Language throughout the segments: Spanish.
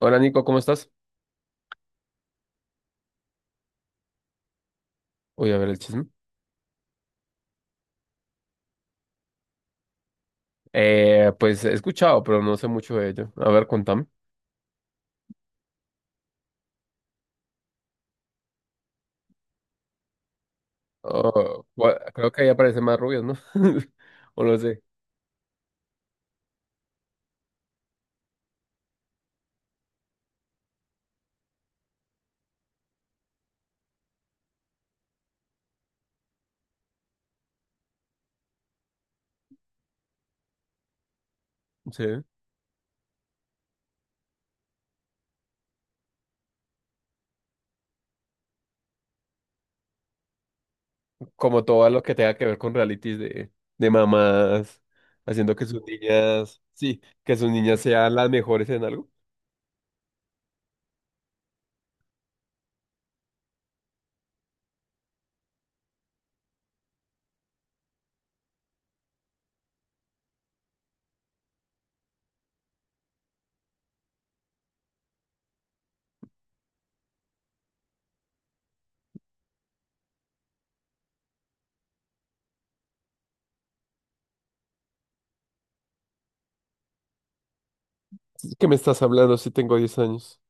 Hola Nico, ¿cómo estás? Voy a ver el chisme. Pues he escuchado, pero no sé mucho de ello. A ver, contame. Oh, creo que ahí aparecen más rubios, ¿no? O lo sé. Sí. Como todo lo que tenga que ver con realities de mamás, haciendo que sus niñas, sí, que sus niñas sean las mejores en algo. ¿Qué me estás hablando si tengo 10 años?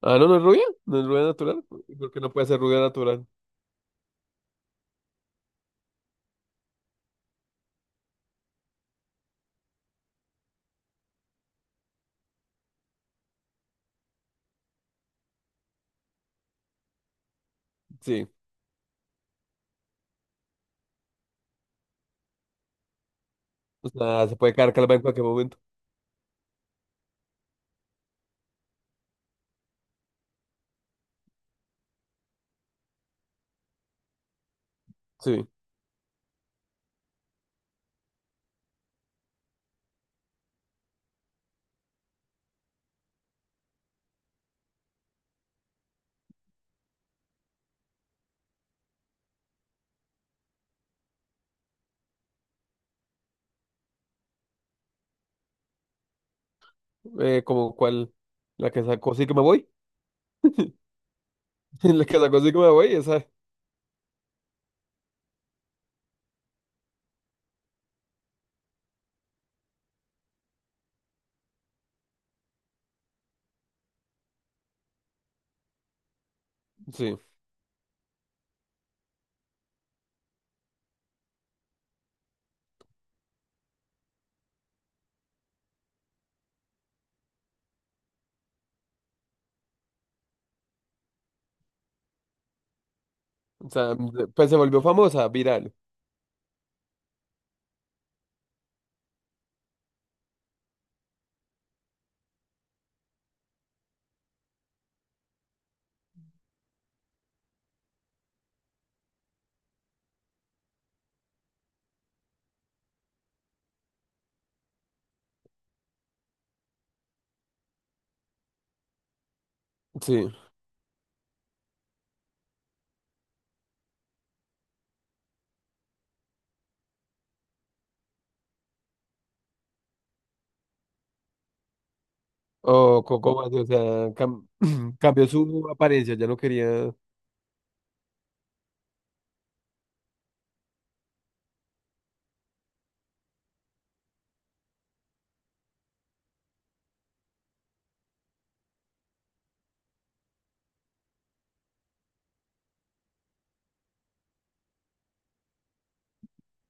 Ah, no, no es rubia, no es rubia natural. ¿Por qué no puede ser rubia natural? Sí. O sea, se puede caer calva en cualquier momento. Sí. Como cuál, la que sacó, sí que me voy. En la que sacó Sigma, güey, esa, sí. O sea, pues se volvió famosa, viral. Sí. O Coco Base, o sea, cam- cambió su apariencia, ya no quería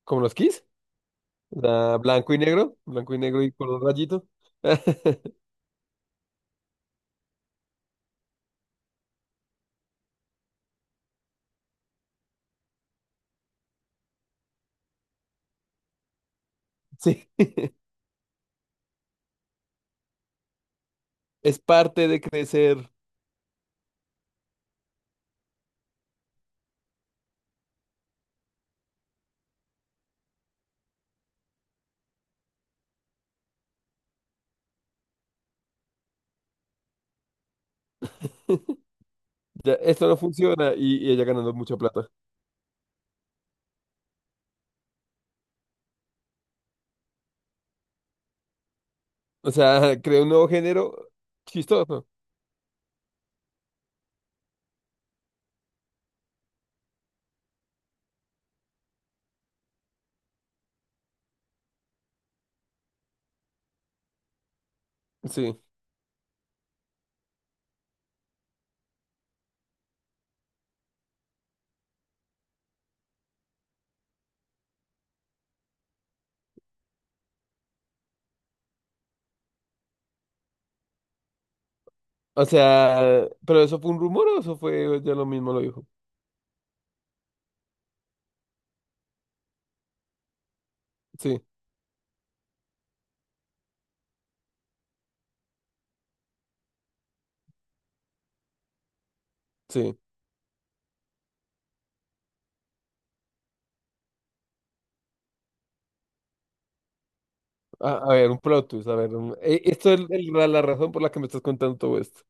como los Kiss. O sea, blanco y negro y color rayito. Sí, es parte de crecer. Ya, esto no funciona y ella ganando mucha plata. O sea, creó un nuevo género chistoso. Sí. O sea, pero eso fue un rumor o eso fue, ya lo mismo lo dijo. Sí, sí. A ver, un plot twist, a ver. Esto es la razón por la que me estás contando todo esto.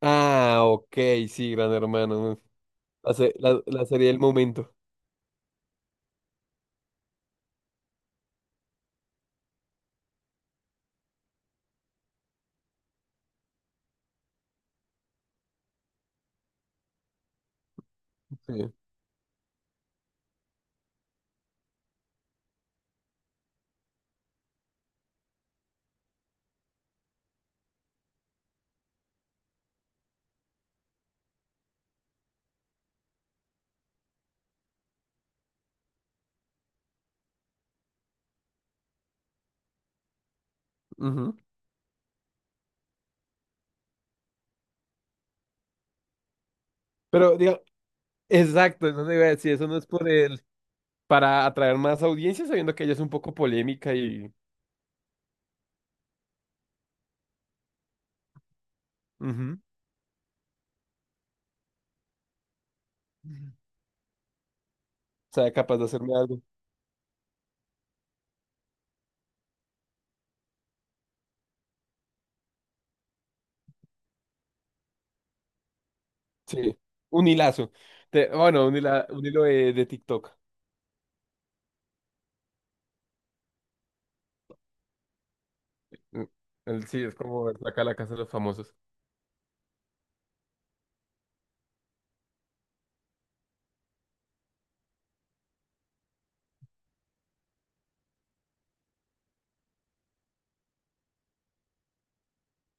Ah, ok, sí, Gran Hermano. Mm, la serie del momento. Sí. Ujú. Pero, digo exacto, eso te iba a decir, eso no es por el, para atraer más audiencia, sabiendo que ella es un poco polémica y ujú, sea capaz de hacerme algo. Sí. Un hilazo. Bueno, un hilo de TikTok. Mm, sí, es como sacar la casa de los famosos.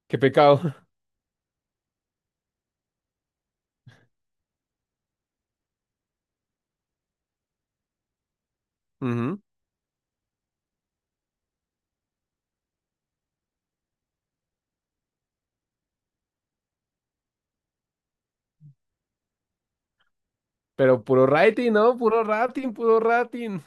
Qué pecado. Ujú. Pero puro rating, ¿no? Puro rating, puro rating.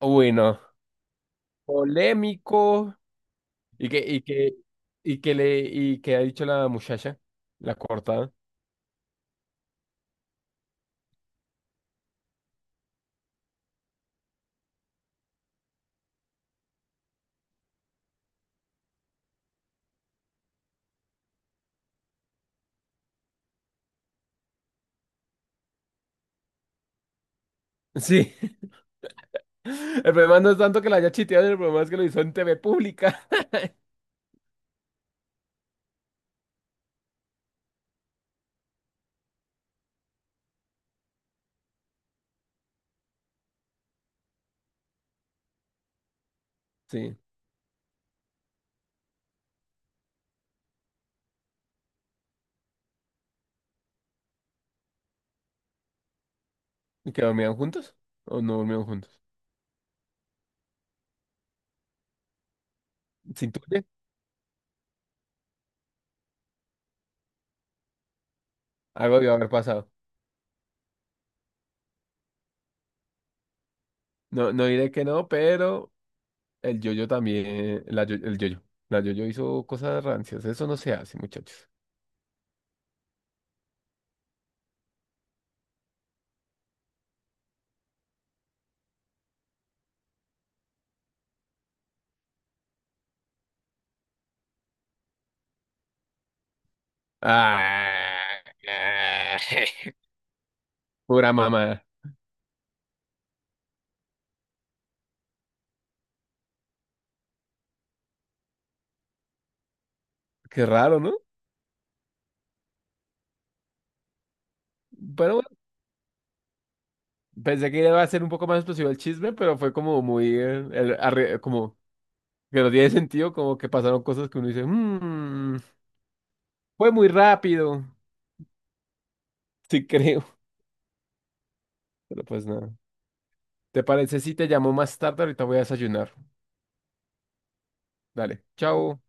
Bueno, polémico. Y que, y que, y que le, y que ha dicho la muchacha, la cortada. Sí. El problema no es tanto que la haya chiteado, el problema es que lo hizo en TV pública. Sí. ¿Y que dormían juntos? ¿O no dormían juntos? ¿Se intuye? Algo debió haber pasado. No, no diré que no, pero el yoyo también, el yoyo. La yoyo hizo cosas rancias. Eso no se hace, muchachos. Ah. Pura mamá. Qué raro, ¿no? Pero bueno, pensé que iba a ser un poco más explosivo el chisme, pero fue como muy, como que no tiene sentido, como que pasaron cosas que uno dice, "Mm, fue muy rápido, sí creo, pero pues nada". ¿Te parece si te llamo más tarde? Ahorita voy a desayunar. Dale, chao.